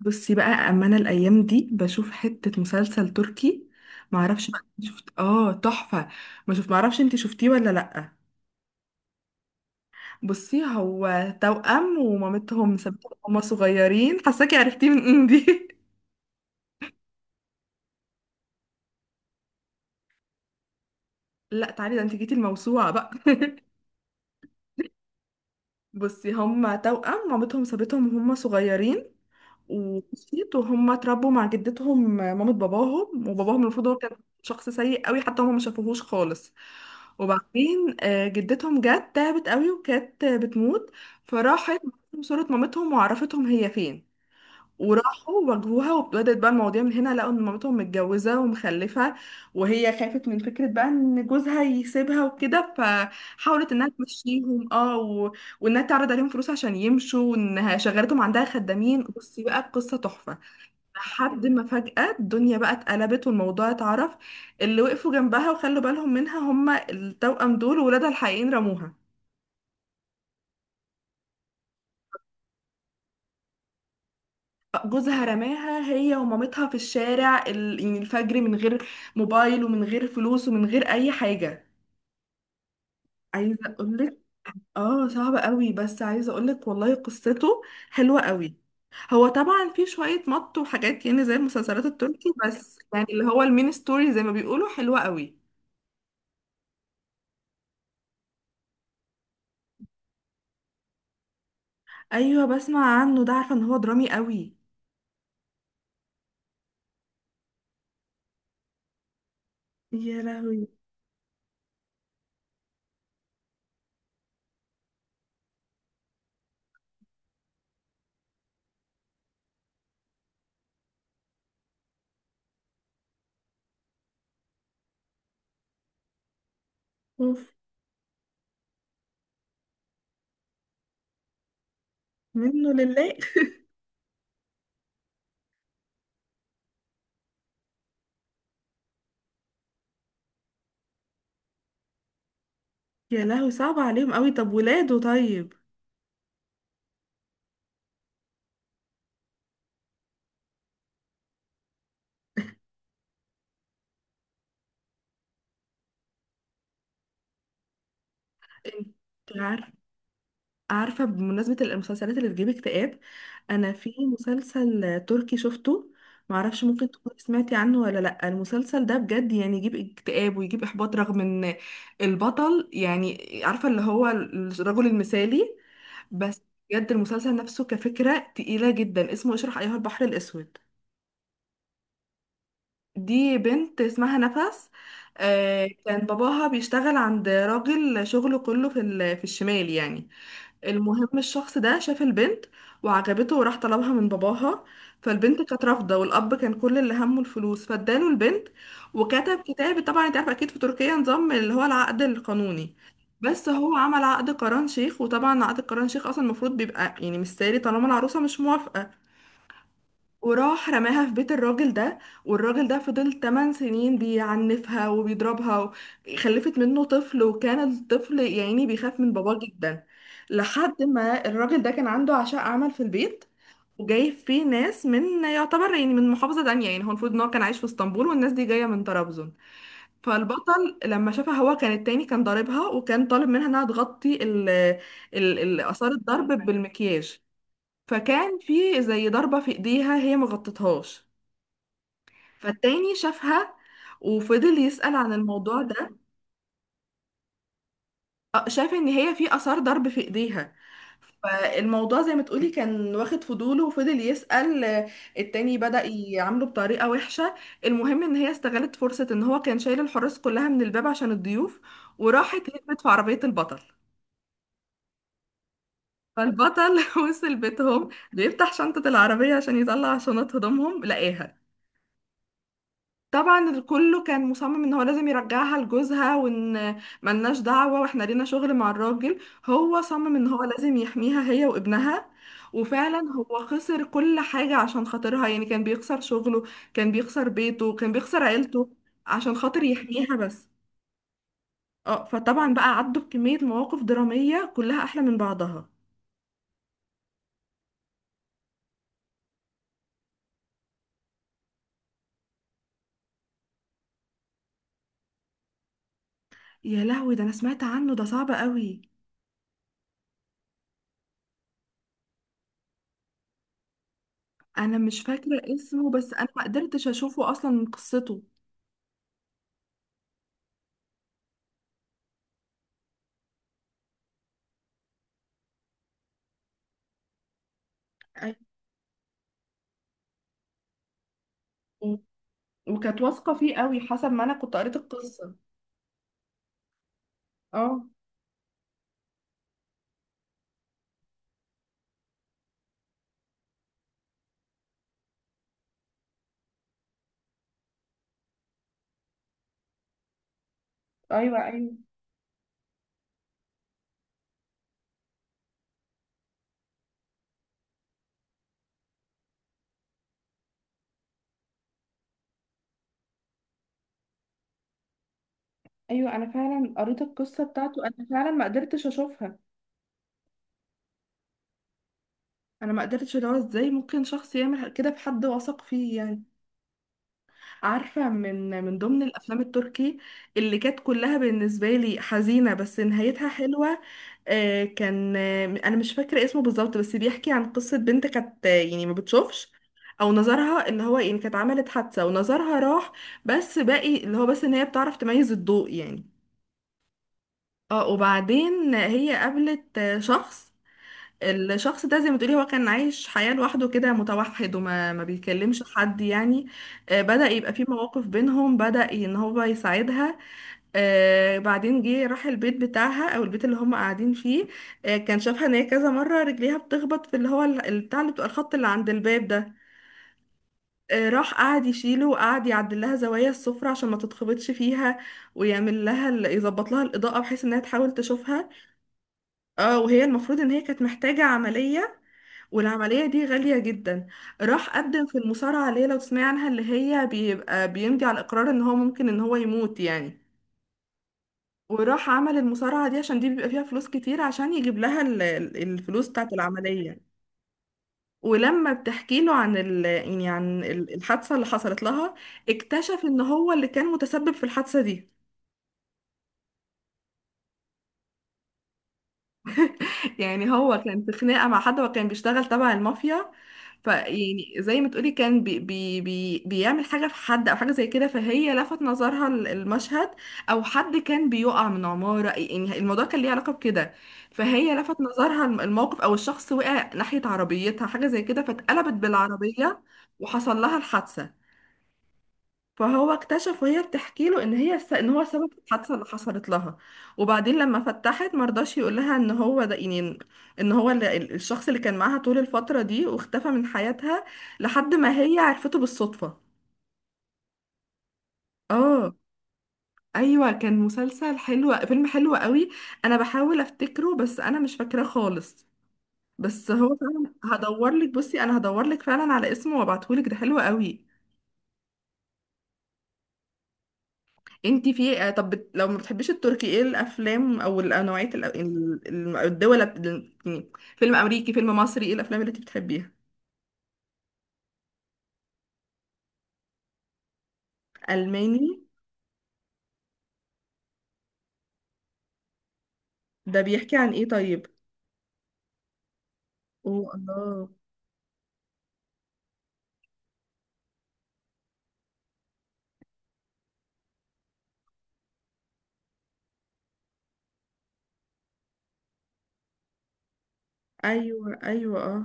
بصي بقى، اما انا الايام دي بشوف حتة مسلسل تركي. معرفش بقى إنت شفت، تحفة. ما شوف، معرفش انت شفتيه ولا لأ. بصي، هو توأم ومامتهم سابتهم هما صغيرين. حاساكي عرفتيه من إيه دي. لا تعالي، ده انت جيتي الموسوعة بقى. بصي، هما توأم مامتهم سابتهم وهم صغيرين ومشيت. وهم اتربوا مع جدتهم مامة باباهم. وباباهم المفروض هو كان شخص سيء قوي، حتى هم ما شافوهوش خالص. وبعدين جدتهم جت تعبت قوي، وكانت بتموت. فراحت بعتلهم صورة مامتهم وعرفتهم هي فين. وراحوا واجهوها وابتدت بقى المواضيع من هنا. لقوا ان مامتهم متجوزه ومخلفه، وهي خافت من فكره بقى ان جوزها يسيبها وكده، فحاولت انها تمشيهم وانها تعرض عليهم فلوس عشان يمشوا، وانها شغلتهم عندها خدامين. بصي بقى القصه تحفه. لحد ما فجاه الدنيا بقى اتقلبت والموضوع اتعرف. اللي وقفوا جنبها وخلوا بالهم منها هم التوأم دول، وولادها الحقيقيين رموها. جوزها رماها هي ومامتها في الشارع يعني الفجر، من غير موبايل ومن غير فلوس ومن غير اي حاجة. عايزة اقولك، اه صعبة قوي، بس عايزة اقولك والله قصته حلوة قوي. هو طبعا في شوية مط وحاجات، يعني زي المسلسلات التركي، بس يعني اللي هو المين ستوري زي ما بيقولوا حلوة قوي. ايوه بسمع عنه ده، عارفة ان هو درامي قوي. يا لهوي. اوف. منه لله. يا لهوي صعب عليهم قوي، طب ولاده طيب. انت عارفة. عارفة، بمناسبة المسلسلات اللي بتجيب اكتئاب، أنا في مسلسل تركي شفته. معرفش ممكن تكوني سمعتي عنه ولا لأ. المسلسل ده بجد يعني يجيب اكتئاب ويجيب إحباط، رغم إن البطل يعني عارفة اللي هو الرجل المثالي. بس بجد المسلسل نفسه كفكرة تقيلة جدا، اسمه اشرح أيها البحر الأسود. دي بنت اسمها نفس. كان باباها بيشتغل عند راجل، شغله كله في في الشمال يعني. المهم الشخص ده شاف البنت وعجبته، وراح طلبها من باباها. فالبنت كانت رافضة، والأب كان كل اللي همه الفلوس، فاداله البنت وكتب كتاب. طبعا انت عارفة أكيد في تركيا نظام اللي هو العقد القانوني، بس هو عمل عقد قران شيخ. وطبعا عقد قران شيخ أصلا المفروض بيبقى يعني مش ساري طالما العروسة مش موافقة. وراح رماها في بيت الراجل ده. والراجل ده فضل 8 سنين بيعنفها وبيضربها. خلفت منه طفل، وكان الطفل يعني بيخاف من باباه جدا. لحد ما الراجل ده كان عنده عشاء عمل في البيت، وجايب فيه ناس من يعتبر يعني من محافظة تانية. يعني هو المفروض ان هو كان عايش في اسطنبول، والناس دي جاية من طرابزون. فالبطل لما شافها، هو كان التاني كان ضاربها وكان طالب منها انها تغطي ال آثار الضرب بالمكياج. فكان في زي ضربة في ايديها هي مغطتهاش، فالتاني شافها وفضل يسأل عن الموضوع ده. شاف ان هي في اثار ضرب في ايديها. فالموضوع زي ما تقولي كان واخد فضوله، وفضل يسأل. التاني بدأ يعامله بطريقة وحشة. المهم ان هي استغلت فرصة ان هو كان شايل الحراس كلها من الباب عشان الضيوف، وراحت هربت في عربية البطل. فالبطل وصل بيتهم، بيفتح شنطة العربية عشان يطلع شنط هدومهم، لقاها. طبعا كله كان مصمم ان هو لازم يرجعها لجوزها، وان ملناش دعوة واحنا لينا شغل مع الراجل. هو صمم ان هو لازم يحميها هي وابنها. وفعلا هو خسر كل حاجة عشان خاطرها، يعني كان بيخسر شغله، كان بيخسر بيته، كان بيخسر عيلته عشان خاطر يحميها بس. اه، فطبعا بقى عدوا بكمية مواقف درامية كلها احلى من بعضها. يا لهوي ده انا سمعت عنه، ده صعب قوي. انا مش فاكرة اسمه، بس انا ما قدرتش اشوفه اصلا من قصته. أيوة. وكانت واثقة فيه قوي، حسب ما أنا كنت قريت القصة. اه. أيوة أيوة. أيوة أنا فعلا قريت القصة بتاعته، أنا فعلا ما قدرتش أشوفها. أنا ما قدرتش، اللي هو إزاي ممكن شخص يعمل كده في حد واثق فيه يعني. عارفة، من من ضمن الأفلام التركي اللي كانت كلها بالنسبة لي حزينة بس نهايتها حلوة، كان أنا مش فاكرة اسمه بالظبط، بس بيحكي عن قصة بنت كانت يعني ما بتشوفش، أو نظرها اللي هو يعني كانت عملت حادثة ونظرها راح. بس باقي اللي هو بس إن هي بتعرف تميز الضوء يعني. اه وبعدين هي قابلت شخص. الشخص ده زي ما تقولي هو كان عايش حياة لوحده كده متوحد، وما ما بيكلمش حد يعني. بدأ يبقى في مواقف بينهم، بدأ ان هو يساعدها. بعدين جه راح البيت بتاعها او البيت اللي هم قاعدين فيه. كان شافها ان هي كذا مرة رجليها بتخبط في اللي هو البتاع اللي بتبقى الخط اللي عند الباب ده. راح قعد يشيله وقعد يعدل لها زوايا السفرة عشان ما تتخبطش فيها، ويعمل لها يظبط لها الإضاءة بحيث انها تحاول تشوفها. اه وهي المفروض ان هي كانت محتاجة عملية، والعملية دي غالية جدا. راح قدم في المصارعة، اللي هي لو تسمعي عنها اللي هي بيبقى بيمضي على الإقرار إن هو ممكن إن هو يموت يعني. وراح عمل المصارعة دي عشان دي بيبقى فيها فلوس كتير، عشان يجيب لها الفلوس بتاعة العملية. ولما بتحكي له عن ال يعني عن الحادثة اللي حصلت لها، اكتشف إن هو اللي كان متسبب في الحادثة دي. يعني هو كان في خناقة مع حد، وكان بيشتغل تبع المافيا. فيعني زي ما تقولي كان بي بي بي بيعمل حاجة في حد أو حاجة زي كده، فهي لفت نظرها المشهد. أو حد كان بيقع من عمارة، يعني الموضوع كان ليه علاقة بكده. فهي لفت نظرها الموقف، أو الشخص وقع ناحية عربيتها حاجة زي كده، فاتقلبت بالعربية وحصل لها الحادثة. فهو اكتشف وهي بتحكي له ان هي ان هو سبب الحادثه اللي حصلت لها. وبعدين لما فتحت مرضاش يقول لها ان هو ده يعني، ان هو اللي الشخص اللي كان معاها طول الفتره دي، واختفى من حياتها لحد ما هي عرفته بالصدفه. اه ايوه كان مسلسل حلو، فيلم حلو قوي. انا بحاول افتكره بس انا مش فاكراه خالص. بس هو فعلا هدور لك، بصي انا هدور لك فعلا على اسمه وابعتهولك، ده حلو قوي. انتي في ايه؟ طب لو ما بتحبيش التركي، ايه الافلام او النوعية الدول يعني، فيلم امريكي، فيلم مصري، ايه الافلام اللي انتي بتحبيها؟ الماني. ده بيحكي عن ايه طيب؟ اوه الله. ايوه ايوه اه.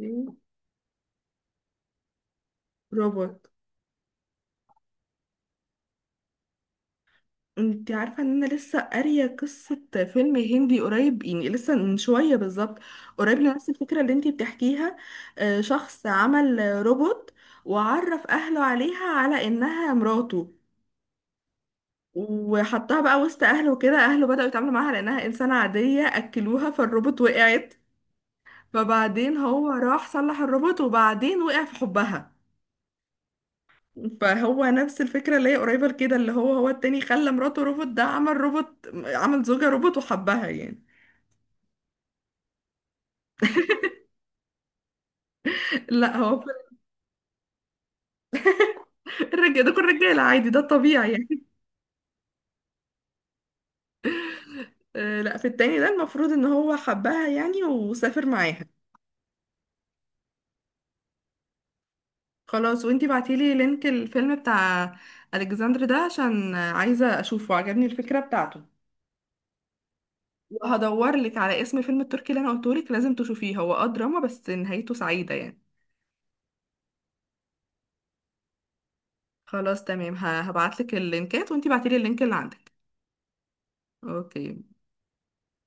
إيه؟ روبوت. انتي عارفة ان انا لسه قارية قصة فيلم هندي قريب، يعني لسه من شوية بالظبط، قريب لنفس الفكرة اللي انتي بتحكيها. شخص عمل روبوت، وعرف اهله عليها على انها مراته. وحطها بقى وسط اهله وكده، اهله بدأوا يتعاملوا معاها لانها انسانة عادية. اكلوها فالروبوت وقعت، فبعدين هو راح صلح الروبوت وبعدين وقع في حبها. فهو نفس الفكرة اللي هي قريبة لكده، اللي هو هو التاني خلى مراته روبوت، ده عمل روبوت، عمل زوجة روبوت وحبها يعني. لا هو في الرجالة ده، كل رجالة عادي، ده الطبيعي يعني. لا في التاني ده المفروض ان هو حبها يعني وسافر معاها. خلاص، وانتي بعتيلي لينك الفيلم بتاع الكسندر ده عشان عايزه اشوفه، عجبني الفكره بتاعته. وهدور لك على اسم فيلم التركي اللي انا قلته لك لازم تشوفيه، هو اه دراما بس نهايته سعيده يعني. خلاص تمام، هبعت لك اللينكات وانتي بعتيلي اللينك اللي عندك. اوكي.